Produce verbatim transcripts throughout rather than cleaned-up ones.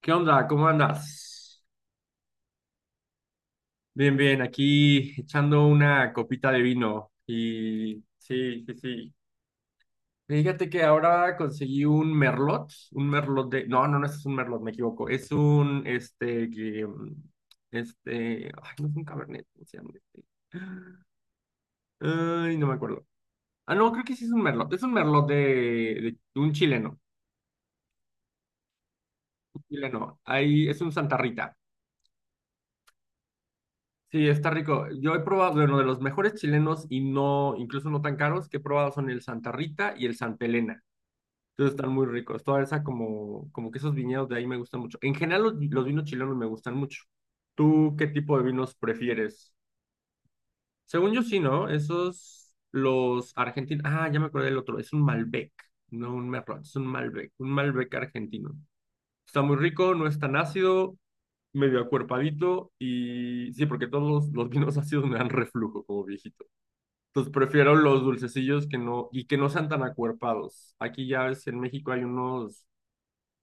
¿Qué onda? ¿Cómo andas? Bien, bien, aquí echando una copita de vino. Y sí, sí, sí. Fíjate que ahora conseguí un merlot, un merlot de... No, no, no, este es un merlot, me equivoco. Es un, este, que, mm, este, ay, no, es un cabernet. ¿Cómo se llama este? Ay, no me acuerdo. Ah, no, creo que sí es un merlot. Es un merlot de, de, un chileno, un chileno. Ahí es un Santa Rita. Sí, está rico. Yo he probado, bueno, de los mejores chilenos y no, incluso no tan caros, que he probado son el Santa Rita y el Santa Elena. Entonces están muy ricos. Toda esa como, como que esos viñedos de ahí me gustan mucho. En general los, los vinos chilenos me gustan mucho. ¿Tú qué tipo de vinos prefieres? Según yo sí, ¿no? Esos, los argentinos. Ah, ya me acordé del otro. Es un Malbec, no un Merlot, es un Malbec, un Malbec argentino. Está muy rico, no es tan ácido, medio acuerpadito. Y sí, porque todos los, los vinos ácidos me dan reflujo como viejito. Entonces prefiero los dulcecillos que no, y que no sean tan acuerpados. Aquí ya ves, en México hay unos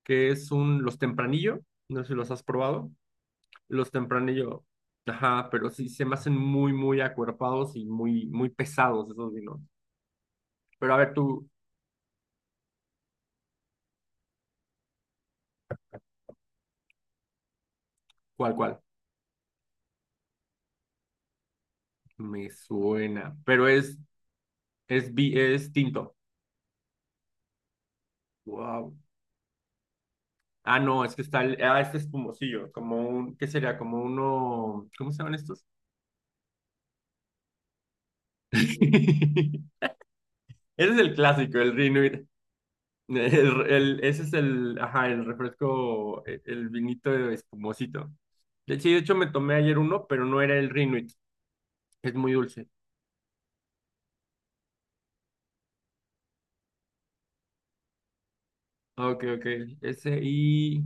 que es un, los tempranillo, no sé si los has probado, los tempranillo, ajá, pero sí se me hacen muy, muy acuerpados y muy, muy pesados esos vinos. Pero a ver tú, ¿cuál, cuál? Me suena, pero es, es, vi- es tinto. Wow. Ah, no, es que está el, ah, este espumosillo, como un, ¿qué sería? Como uno, ¿cómo se llaman estos? Ese es el clásico, el Rinuit. El- el- ese es el, ajá, el refresco, e- el vinito espumosito. De hecho, sí, de hecho me tomé ayer uno, pero no era el Rinuit, es muy dulce. Ah, ok, ok, ese y,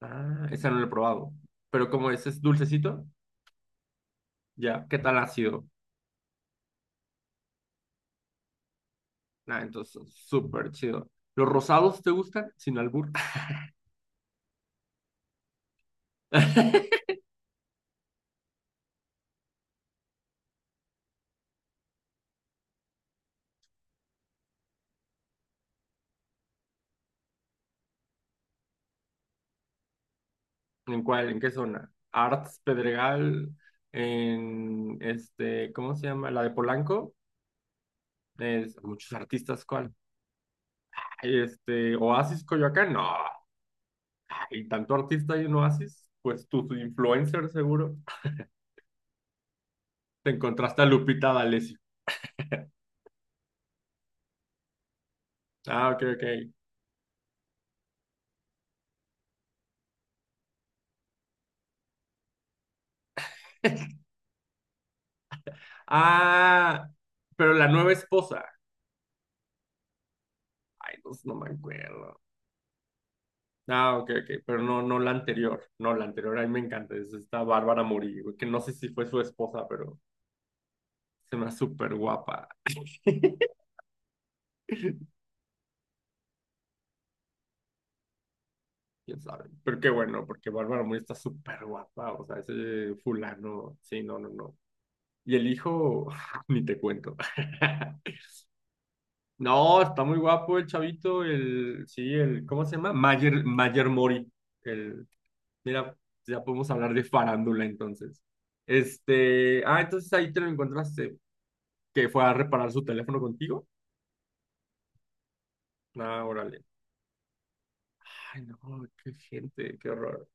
ah, ese no lo he probado, pero como ese es dulcecito, ya, ¿qué tal ácido? Ah, entonces, súper chido. ¿Los rosados te gustan? Sin albur. ¿En cuál? ¿En qué zona? Arts Pedregal, en este, ¿cómo se llama? La de Polanco. Es, muchos artistas, ¿cuál? Ay, este, Oasis Coyoacán, no. Y tanto artista y en Oasis, pues tú, tu influencer seguro. Te encontraste a Lupita D'Alessio. Ah, ok, ok. Ah, pero la nueva esposa. Ay, no, no me acuerdo. Ah, ok, ok, pero no, no la anterior, no la anterior, a mí me encanta, es esta Bárbara Murillo, que no sé si fue su esposa, pero se me hace súper guapa. Quién sabe. Pero qué bueno, porque Bárbara Mori está súper guapa. O sea, ese fulano. Sí, no, no, no. Y el hijo, ni te cuento. No, está muy guapo el chavito, el, sí, el, ¿cómo se llama? Mayer, Mayer Mori. El, mira, ya podemos hablar de farándula entonces. Este, ah, entonces ahí te lo encontraste, que fue a reparar su teléfono contigo. Ah, órale. Ay, no, qué gente, qué horror.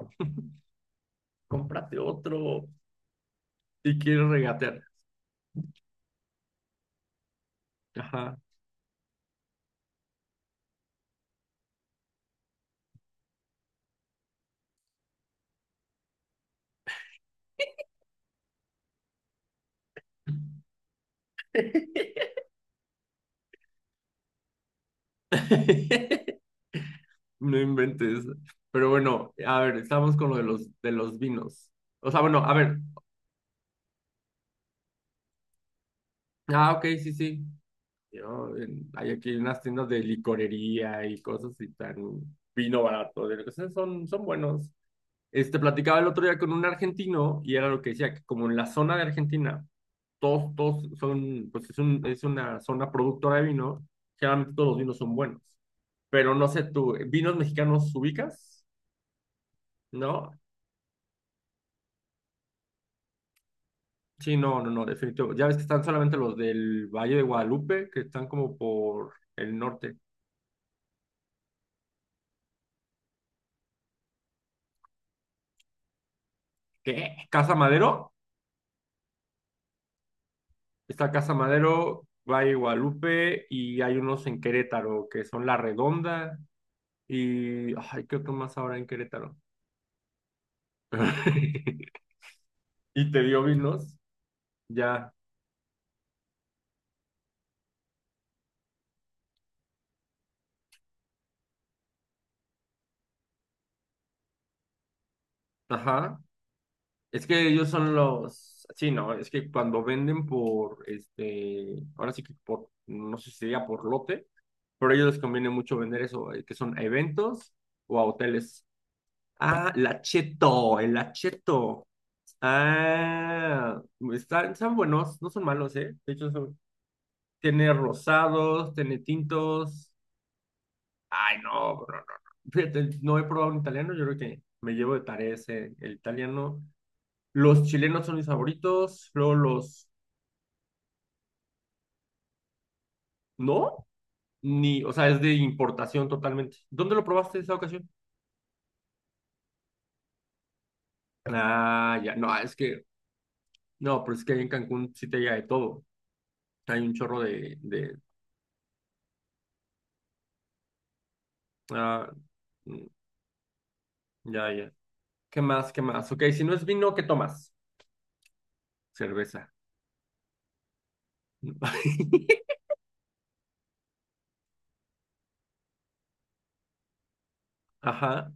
Cómprate otro. Y quiero regatear. Ajá. No inventes. Pero bueno, a ver, estamos con lo de los, de los vinos. O sea, bueno, a ver. Ah, ok, sí, sí. Yo, en- hay aquí unas tiendas de licorería y cosas y tan vino barato. De lo que sea, son, son buenos. Este, platicaba el otro día con un argentino y era lo que decía, que como en la zona de Argentina todos, todos son, pues es, un, es una zona productora de vino, generalmente todos los vinos son buenos, pero no sé tú, ¿vinos mexicanos ubicas? ¿No? Sí, no, no, no, definitivo. Ya ves que están solamente los del Valle de Guadalupe, que están como por el norte. ¿Qué? ¿Casa Madero? Está Casa Madero, Valle de Guadalupe y hay unos en Querétaro que son La Redonda y... Ay, ¿qué otro más ahora en Querétaro? Y te dio vinos, ya. Ajá. Es que ellos son los, sí, no, es que cuando venden por, este, ahora sí que por, no sé si sería por lote, pero a ellos les conviene mucho vender eso, eh, que son a eventos o a hoteles. Ah, la Cheto, el Acheto. Ah, están, están buenos, no son malos, ¿eh? De hecho, son- tiene rosados, tiene tintos. Ay, no, bro, no, no. Fíjate, no he probado un italiano, yo creo que me llevo de tarea ese, el italiano. Los chilenos son mis favoritos, luego los no, ni, o sea, es de importación totalmente. ¿Dónde lo probaste esa ocasión? Ah, ya, no, es que, no, pero es que ahí en Cancún sí te llega de todo. Hay un chorro de, de, ah, mm, ya, ya. ¿Qué más, qué más? Ok, si no es vino, ¿qué tomas? Cerveza. Ajá,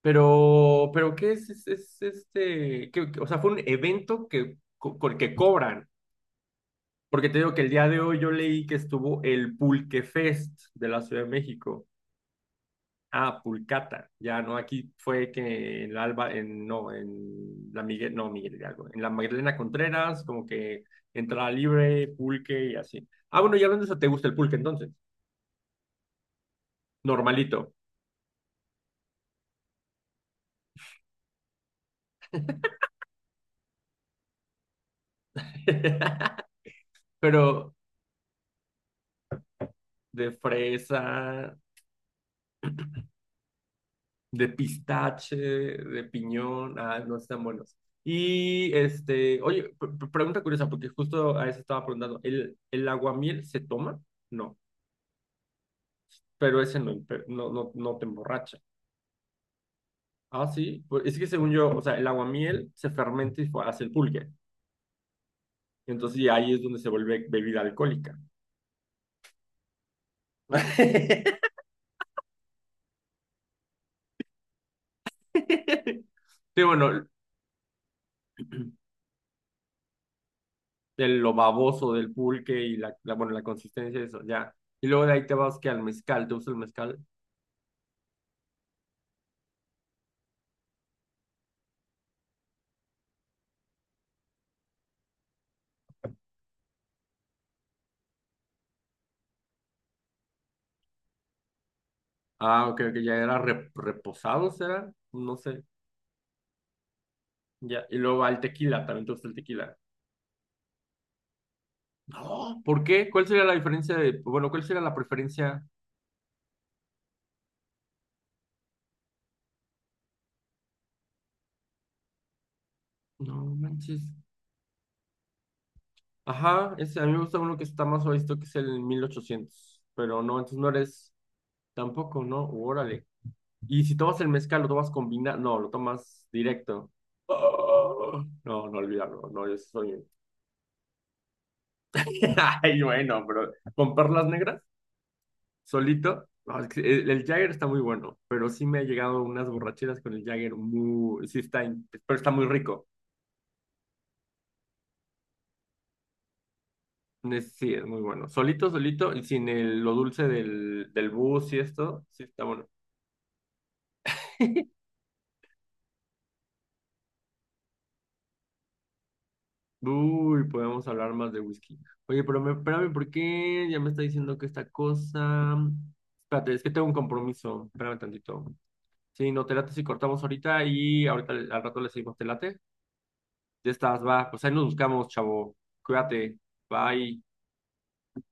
pero, pero ¿qué es, es, es este? ¿Qué- qué- O sea, fue un evento que, co- co- que cobran. Porque te digo que el día de hoy yo leí que estuvo el Pulque Fest de la Ciudad de México. Ah, Pulcata, ya no, aquí fue que en la Alba, en, no, en la Miguel, no, Miguel Hidalgo, en la Magdalena Contreras, como que entrada libre, pulque y así. Ah, bueno, ya hablando de eso, ¿te gusta el pulque entonces? Normalito. Pero de fresa, de pistache, de piñón, ah, no están buenos. Y este, oye, p- p- pregunta curiosa, porque justo a eso estaba preguntando, ¿el, el aguamiel se toma? No, pero ese no, impe- no, no, no te emborracha. Ah, sí, pues es que según yo, o sea, el aguamiel se fermenta y fue- hace el pulque. Entonces, y ahí es donde se vuelve bebida alcohólica. Sí, bueno, el, lo baboso del pulque y la, la- bueno, la consistencia de eso, ya. Y luego de ahí te vas que al mezcal, ¿te gusta el mezcal? Ah, ok, que ya era re- reposado, ¿será? No sé, ya. Y luego al tequila, también te gusta el tequila. No, ¿por qué? ¿Cuál sería la diferencia de, bueno, cuál sería la preferencia? No manches. Ajá, ese, a mí me gusta uno que está más visto que es el mil ochocientos, pero no, entonces no eres tampoco, ¿no? Uh, órale. Y si tomas el mezcal, lo tomas combinado, no, lo tomas directo. Oh, no, no olvidarlo, no, yo sí soy... bien. Ay, bueno, pero con perlas negras, solito, no, es que el, el Jagger está muy bueno, pero sí me ha llegado unas borracheras con el Jagger muy, sí está, in- pero está muy rico. Es- Sí, es muy bueno. Solito, solito, y sin el- lo dulce del, del bus y esto, sí está bueno. Uy, podemos hablar más de whisky. Oye, pero me, espérame, ¿por qué ya me está diciendo que esta cosa? Espérate, es que tengo un compromiso. Espérame tantito. Sí, no te late si cortamos ahorita y ahorita al rato le seguimos, ¿te late? Ya estás, va. Pues ahí nos buscamos, chavo. Cuídate. Bye.